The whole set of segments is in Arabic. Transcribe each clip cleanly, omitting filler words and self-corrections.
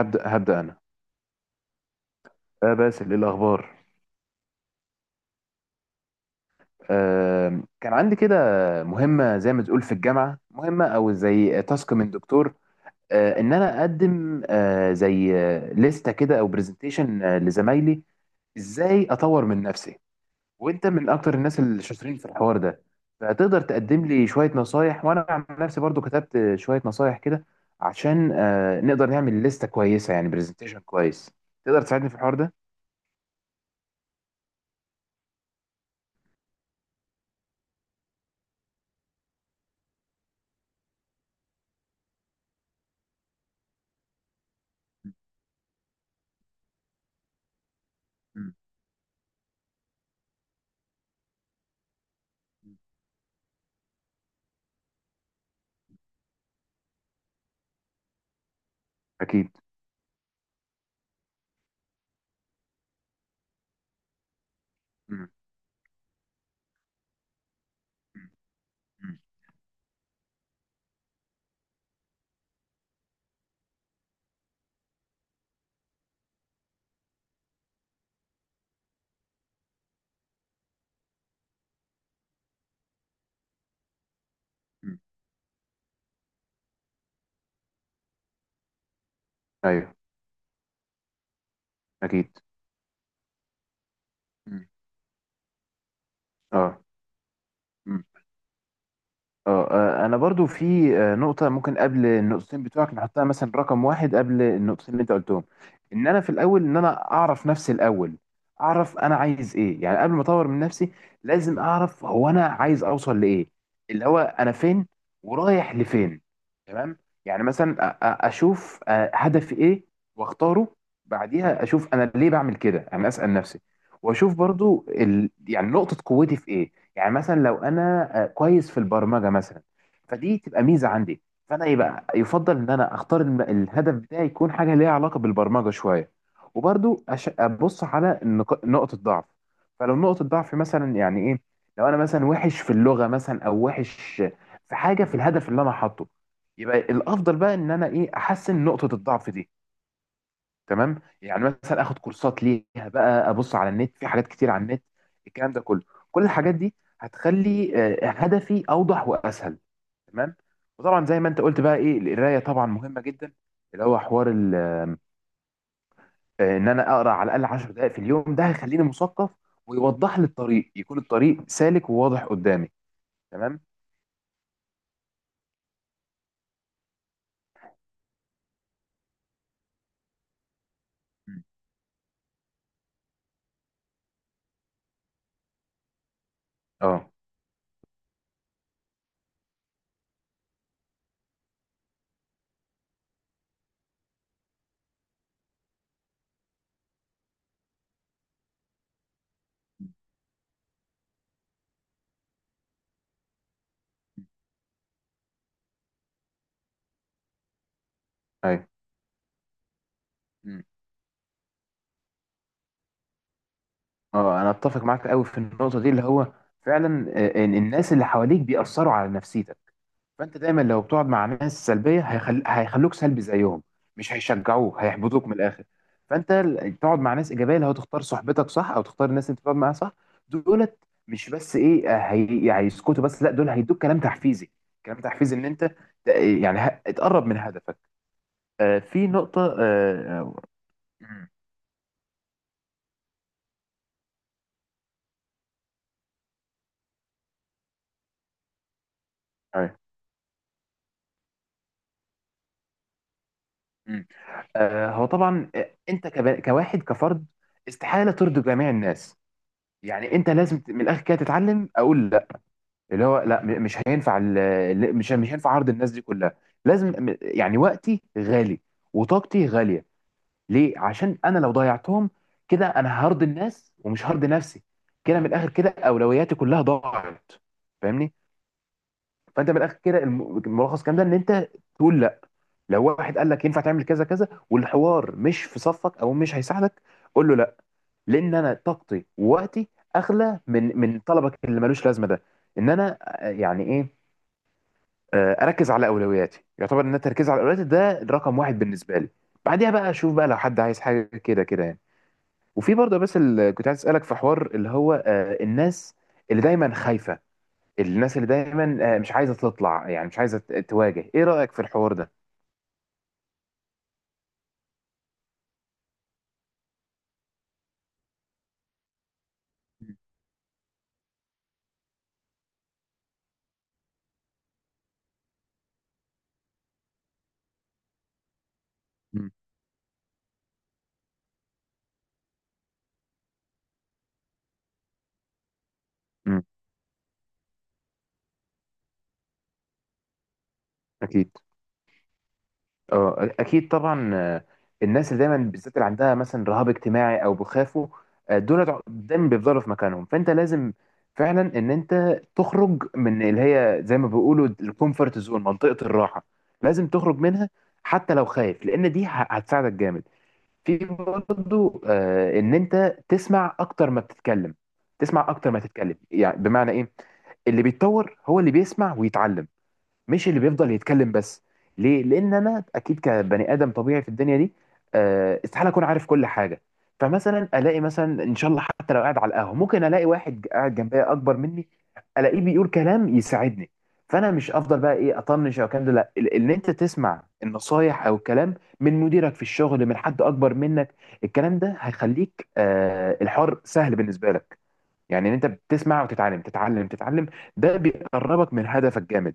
هبدأ أنا. باسل، إيه الأخبار؟ كان عندي كده مهمة زي ما تقول في الجامعة، مهمة أو زي تاسك من دكتور. إن أنا أقدم، آه زي آه، لستة كده أو برزنتيشن لزمايلي، إزاي أطور من نفسي. وأنت من أكتر الناس الشاطرين في الحوار ده، فتقدر تقدم لي شوية نصايح. وأنا عن نفسي برضو كتبت شوية نصايح كده عشان نقدر نعمل لستة كويسة، يعني برزنتيشن كويس. تقدر تساعدني في الحوار ده؟ مم. أكيد. مم. مم. مم. ايوه. اكيد. مم. اه. مم. اه، انا برضو في نقطه ممكن قبل النقطتين بتوعك نحطها، مثلا رقم واحد قبل النقطتين اللي انت قلتهم، ان انا في الاول ان انا اعرف نفسي الاول، اعرف انا عايز ايه. يعني قبل ما اطور من نفسي لازم اعرف هو انا عايز اوصل لايه، اللي هو انا فين ورايح لفين. تمام. يعني مثلا اشوف هدفي ايه واختاره. بعديها اشوف انا ليه بعمل كده، انا اسال نفسي. واشوف برضو يعني نقطه قوتي في ايه. يعني مثلا لو انا كويس في البرمجه مثلا، فدي تبقى ميزه عندي. فانا يبقى يفضل ان انا اختار الهدف بتاعي يكون حاجه ليها علاقه بالبرمجه شويه. وبرضو ابص على نقطه ضعف. فلو نقطه ضعف مثلا، يعني ايه؟ لو انا مثلا وحش في اللغه مثلا، او وحش في حاجه في الهدف اللي انا حاطه، يبقى الافضل بقى ان انا ايه احسن نقطه الضعف دي. تمام. يعني مثلا اخد كورسات ليها، بقى ابص على النت، في حاجات كتير على النت، الكلام ده كله، كل الحاجات دي هتخلي هدفي اوضح واسهل. تمام. وطبعا زي ما انت قلت بقى ايه، القرايه طبعا مهمه جدا، اللي هو حوار ان انا اقرا على الاقل 10 دقائق في اليوم، ده هيخليني مثقف ويوضح لي الطريق، يكون الطريق سالك وواضح قدامي. تمام. مم. اه. مم. ايوه. مم. اه، انا اتفق معاك قوي في النقطه دي، اللي هو فعلا، إن الناس اللي حواليك بيأثروا على نفسيتك. فانت دايما لو بتقعد مع ناس سلبيه، هيخلوك سلبي زيهم، مش هيشجعوك، هيحبطوك من الاخر. فانت تقعد مع ناس ايجابيه، اللي هو تختار صحبتك صح، او تختار الناس اللي بتقعد معاها صح. دولت مش بس ايه، هيسكتوا بس، لا، دول هيدوك كلام تحفيزي. كلام تحفيزي ان انت ت- يعني تقرب من هدفك. في نقطه مم، أيوة، مم. هو طبعا، انت كواحد كفرد استحاله ترضي جميع الناس. يعني انت لازم من الاخر كده تتعلم اقول لا. اللي هو لا، مش هينفع، مش هينفع عرض الناس دي كلها. لازم يعني وقتي غالي وطاقتي غالية. ليه؟ عشان انا لو ضيعتهم كده انا هرضي الناس ومش هرضي نفسي، كده من الاخر كده اولوياتي كلها ضاعت. فاهمني؟ فانت من الاخر كده الملخص الكلام ده ان انت تقول لا. لو واحد قال لك ينفع تعمل كذا كذا، والحوار مش في صفك او مش هيساعدك، قول له لا. لان انا طاقتي ووقتي اغلى من طلبك اللي ملوش لازمه ده. ان انا يعني ايه، اركز على اولوياتي. يعتبر ان أنا التركيز على اولوياتي ده الرقم واحد بالنسبه لي. بعديها بقى اشوف بقى لو حد عايز حاجه كده كده يعني. وفي برضه بس اللي كنت عايز اسالك في حوار، اللي هو الناس اللي دايما خايفه، الناس اللي دايما مش عايزه تطلع، يعني مش عايزه تواجه، ايه رايك في الحوار ده؟ مم. مم. اكيد. اه، اكيد طبعا. الناس اللي دايما بالذات اللي عندها مثلا رهاب اجتماعي او بيخافوا، دول دايما بيفضلوا في مكانهم. فانت لازم فعلا ان انت تخرج من اللي هي زي ما بيقولوا الكومفورت زون، منطقة الراحة. لازم تخرج منها حتى لو خايف، لان دي هتساعدك جامد. في برضه ان انت تسمع اكتر ما بتتكلم. تسمع اكتر ما تتكلم يعني بمعنى ايه؟ اللي بيتطور هو اللي بيسمع ويتعلم، مش اللي بيفضل يتكلم بس. ليه؟ لان انا اكيد كبني ادم طبيعي في الدنيا دي، استحاله اكون عارف كل حاجه. فمثلا الاقي مثلا ان شاء الله حتى لو قاعد على القهوه، ممكن الاقي واحد قاعد جنبي اكبر مني، الاقيه بيقول كلام يساعدني. فانا مش افضل بقى ايه اطنش او الكلام ده، لا، ان انت تسمع النصايح او الكلام من مديرك في الشغل، من حد اكبر منك، الكلام ده هيخليك الحوار سهل بالنسبه لك. يعني ان انت بتسمع وتتعلم، تتعلم تتعلم. ده بيقربك من هدفك جامد.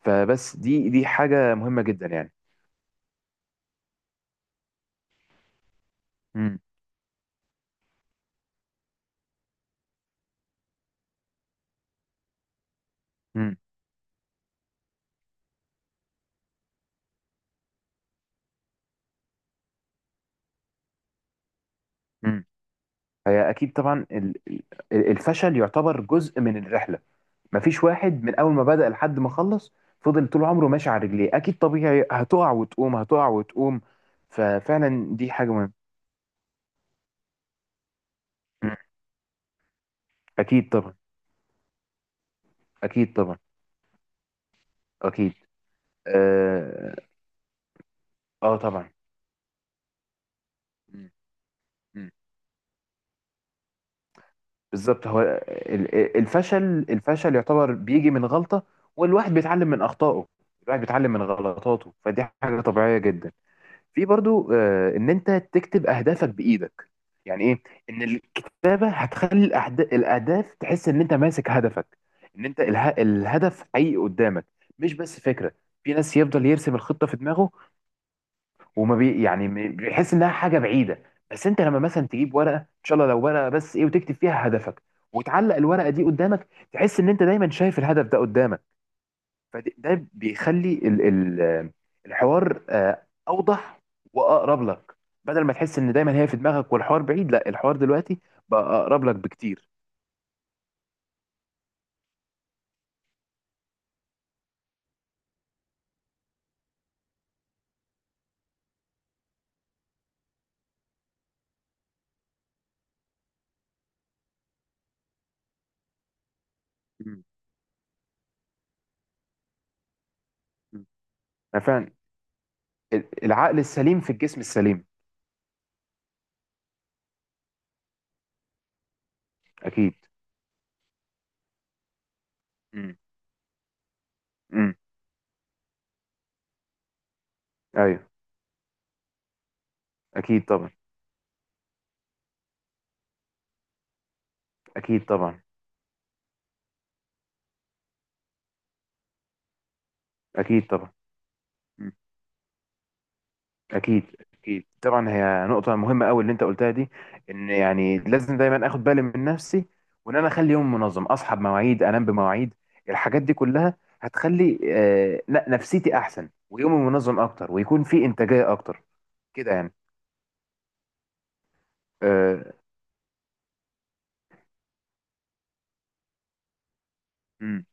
فبس دي حاجة مهمة جدا يعني. امم. امم. امم. هي اكيد طبعا، الفشل يعتبر جزء من الرحلة. مفيش واحد من اول ما بدأ لحد ما خلص فضل طول عمره ماشي على رجليه، اكيد طبيعي هتقع وتقوم، هتقع وتقوم. ففعلا دي حاجة مهمة. مم. اكيد طبعا. اكيد طبعا. اكيد. اه، طبعا. مم. مم. بالظبط. هو الفشل يعتبر بيجي من غلطة، والواحد بيتعلم من أخطائه، الواحد بيتعلم من غلطاته، فدي حاجة طبيعية جدا. في برضو إن أنت تكتب أهدافك بإيدك. يعني إيه؟ إن الكتابة هتخلي الأهداف، تحس إن أنت ماسك هدفك، إن أنت الهدف حقيقي قدامك، مش بس فكرة. في ناس يفضل يرسم الخطة في دماغه، وما بي يعني بيحس انها حاجه بعيده. بس انت لما مثلا تجيب ورقه، ان شاء الله لو ورقه بس ايه، وتكتب فيها هدفك، وتعلق الورقه دي قدامك، تحس ان انت دايما شايف الهدف ده قدامك. فده بيخلي ال ال الحوار اوضح واقرب لك. بدل ما تحس ان دايما هي في دماغك والحوار بعيد، لا، الحوار دلوقتي بقى اقرب لك بكتير. مم. مم. أنا فعلا العقل السليم في الجسم السليم. اكيد. مم. مم. ايوه. اكيد طبعا. اكيد طبعا. اكيد طبعا. مم. اكيد. اكيد طبعا، هي نقطه مهمه قوي اللي انت قلتها دي. ان يعني لازم دايما اخد بالي من نفسي، وان انا اخلي يوم منظم، اصحى بمواعيد، انام بمواعيد، الحاجات دي كلها هتخلي لا، نفسيتي احسن ويومي منظم اكتر ويكون في انتاجيه اكتر كده يعني. آه. مم.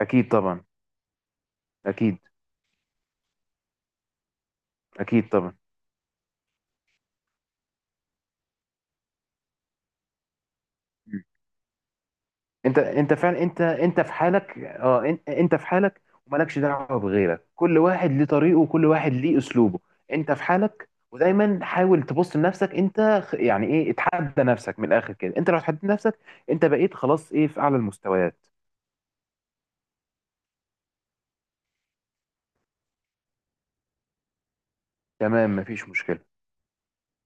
اكيد طبعا. اكيد. اكيد طبعا. انت فعلا، انت في حالك. اه، انت في حالك ومالكش دعوه بغيرك. كل واحد ليه طريقه، وكل واحد ليه اسلوبه. انت في حالك ودايما حاول تبص لنفسك انت. يعني ايه، اتحدى نفسك. من الاخر كده انت لو اتحديت نفسك، انت بقيت خلاص ايه في اعلى المستويات. تمام. مفيش مشكله.